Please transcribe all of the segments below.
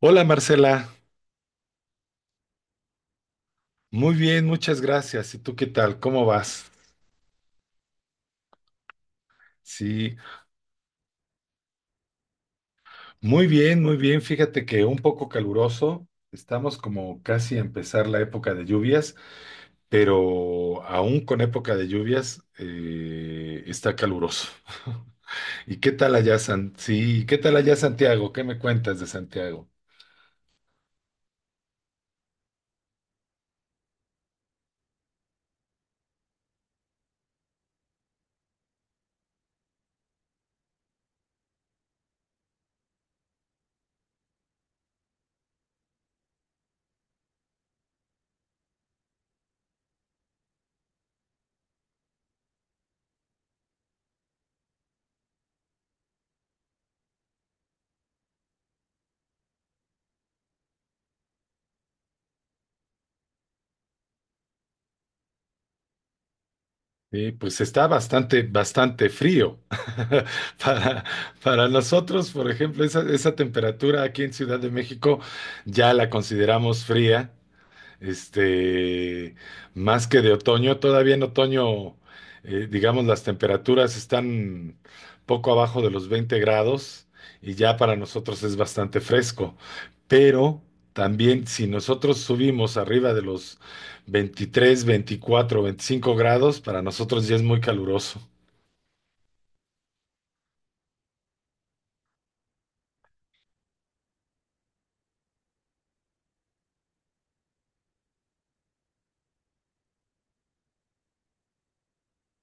Hola, Marcela. Muy bien, muchas gracias. ¿Y tú qué tal? ¿Cómo vas? Sí, muy bien, muy bien. Fíjate que un poco caluroso. Estamos como casi a empezar la época de lluvias, pero aún con época de lluvias, está caluroso. ¿Y qué tal allá, San... Sí, ¿qué tal allá, Santiago? ¿Qué me cuentas de Santiago? Sí, pues está bastante, bastante frío. Para, para nosotros, por ejemplo, esa temperatura aquí en Ciudad de México ya la consideramos fría, este, más que de otoño. Todavía en otoño, digamos, las temperaturas están poco abajo de los 20 grados y ya para nosotros es bastante fresco. Pero también si nosotros subimos arriba de los 23, 24, 25 grados, para nosotros ya es muy caluroso.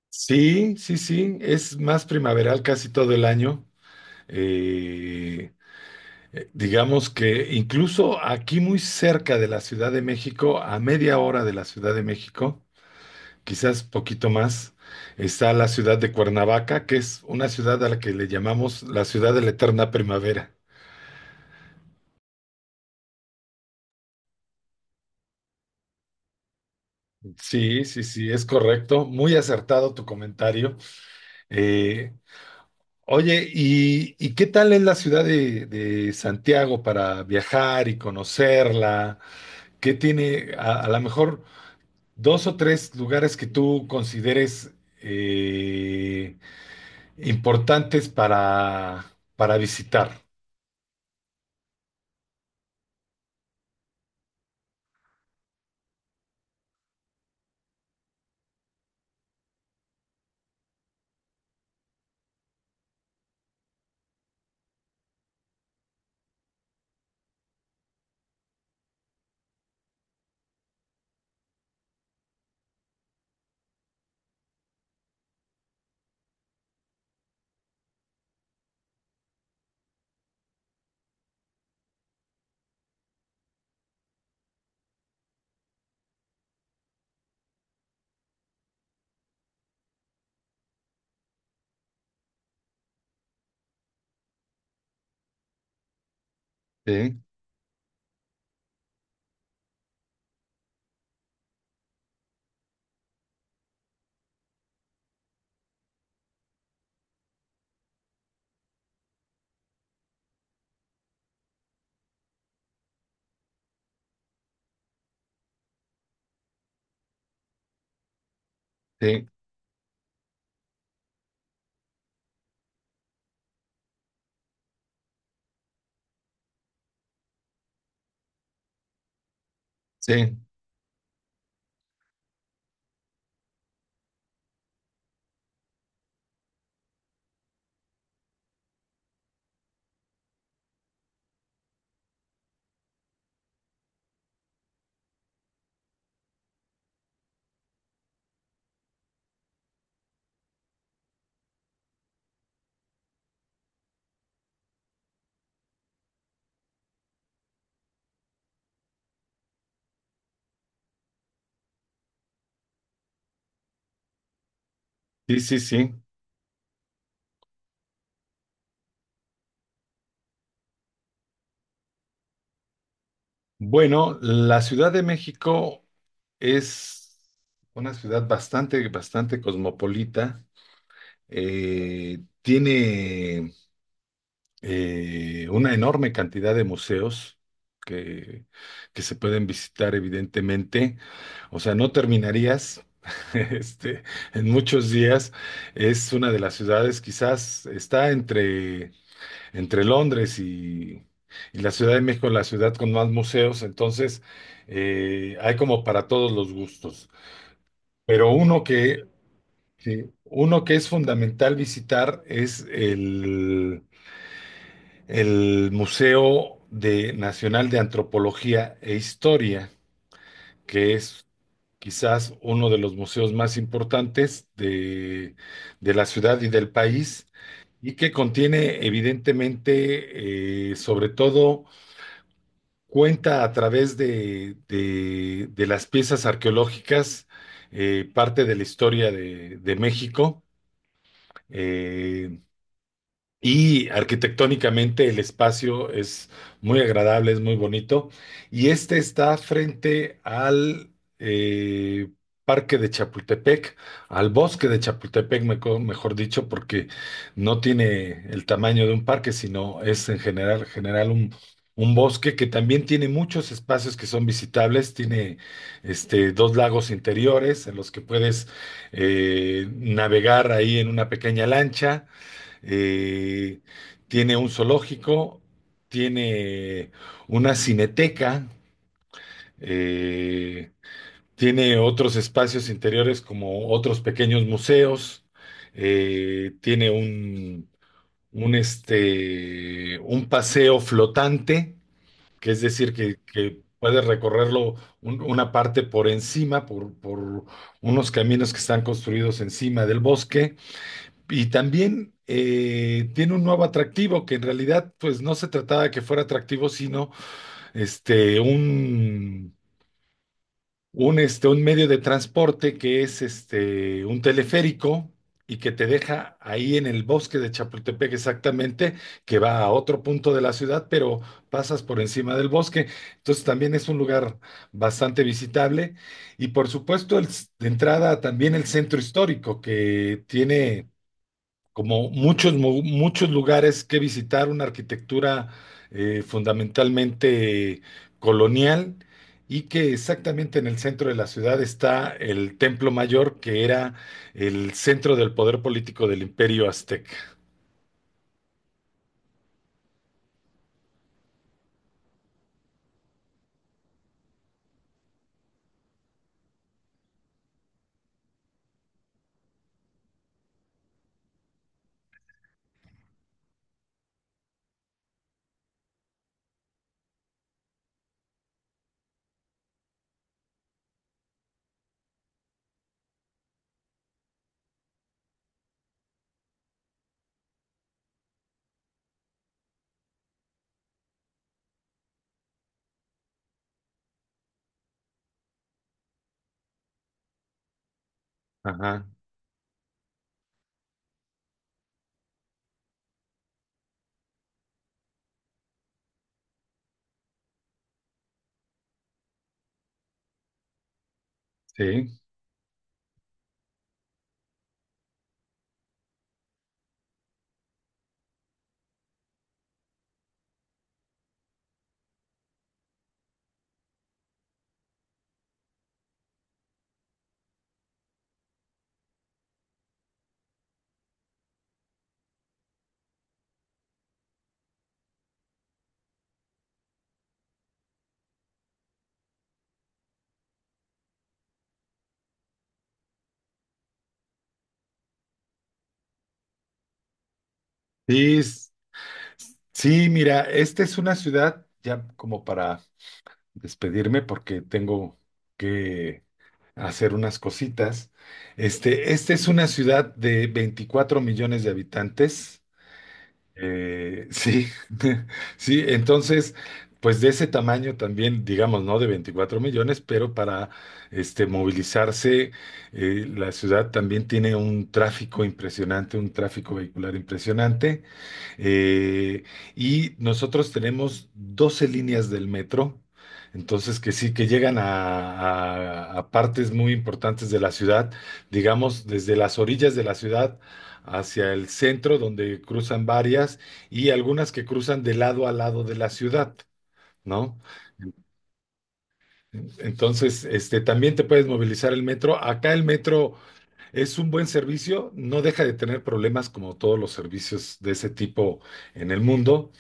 Sí, sí, sí, es más primaveral casi todo el año. Eh, Digamos que incluso aquí muy cerca de la Ciudad de México, a media hora de la Ciudad de México, quizás poquito más, está la ciudad de Cuernavaca, que es una ciudad a la que le llamamos la ciudad de la eterna primavera. Sí, sí, sí, es correcto. Muy acertado tu comentario. Eh, Oye, ¿y y qué tal es la ciudad de Santiago para viajar y conocerla? ¿Qué tiene, a lo mejor, dos o tres lugares que tú consideres eh, importantes para visitar? Sí, sí, sí, sí, sí, sí. Bueno, la Ciudad de México es una ciudad bastante, bastante cosmopolita. Tiene una enorme cantidad de museos que, que se pueden visitar, evidentemente. O sea, no terminarías este, en muchos días. Es una de las ciudades, quizás está entre, entre Londres y la Ciudad de México, la ciudad con más museos. Entonces, hay como para todos los gustos. Pero uno que es fundamental visitar es el Museo Nacional de Antropología e Historia, que es quizás uno de los museos más importantes de la ciudad y del país, y que contiene evidentemente, sobre todo, cuenta a través de las piezas arqueológicas, parte de la historia de México. Eh, Y arquitectónicamente el espacio es muy agradable, es muy bonito. Y este está frente al eh, parque de Chapultepec, al bosque de Chapultepec, mejor dicho, porque no tiene el tamaño de un parque, sino es en general, un bosque que también tiene muchos espacios que son visitables. Tiene dos lagos interiores en los que puedes navegar ahí en una pequeña lancha. Eh, tiene un zoológico, tiene una cineteca, eh, tiene otros espacios interiores como otros pequeños museos, tiene un paseo flotante, que es decir, que puedes recorrerlo una parte por encima, por unos caminos que están construidos encima del bosque. Y también, tiene un nuevo atractivo que en realidad pues no se trataba de que fuera atractivo, sino este, un, un medio de transporte que es un teleférico y que te deja ahí en el bosque de Chapultepec exactamente, que va a otro punto de la ciudad, pero pasas por encima del bosque. Entonces también es un lugar bastante visitable. Y por supuesto, de entrada también el centro histórico, que tiene como muchos lugares que visitar, una arquitectura fundamentalmente colonial, y que exactamente en el centro de la ciudad está el Templo Mayor, que era el centro del poder político del Imperio Azteca. Ajá, sí. Sí, sí, mira, esta es una ciudad, ya como para despedirme, porque tengo que hacer unas cositas. Esta es una ciudad de 24 millones de habitantes. Sí, sí, entonces, pues de ese tamaño también, digamos, no de 24 millones, pero para movilizarse, la ciudad también tiene un tráfico impresionante, un tráfico vehicular impresionante. Eh, y nosotros tenemos 12 líneas del metro, entonces que sí, que llegan a partes muy importantes de la ciudad, digamos, desde las orillas de la ciudad hacia el centro, donde cruzan varias y algunas que cruzan de lado a lado de la ciudad, ¿no? Entonces, también te puedes movilizar el metro. Acá el metro es un buen servicio, no deja de tener problemas como todos los servicios de ese tipo en el mundo,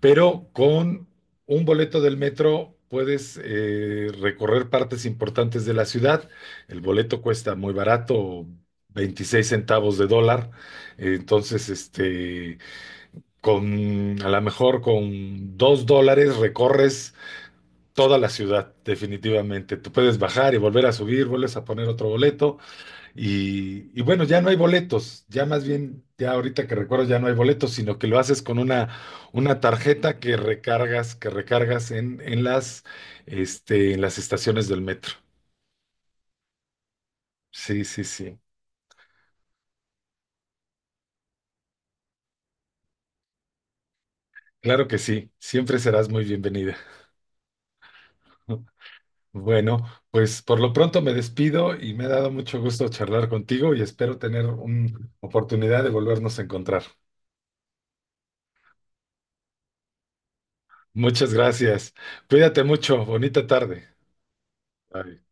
pero con un boleto del metro puedes recorrer partes importantes de la ciudad. El boleto cuesta muy barato, 26 centavos de dólar. Entonces, con a lo mejor con $2 recorres toda la ciudad, definitivamente. Tú puedes bajar y volver a subir, vuelves a poner otro boleto y bueno, ya no hay boletos, ya más bien, ya ahorita que recuerdo, ya no hay boletos, sino que lo haces con una tarjeta que recargas, en las estaciones del metro. Sí, sí, sí. Claro que sí, siempre serás muy bienvenida. Bueno, pues por lo pronto me despido y me ha dado mucho gusto charlar contigo y espero tener una oportunidad de volvernos a encontrar. Muchas gracias. Cuídate mucho. Bonita tarde. Bye.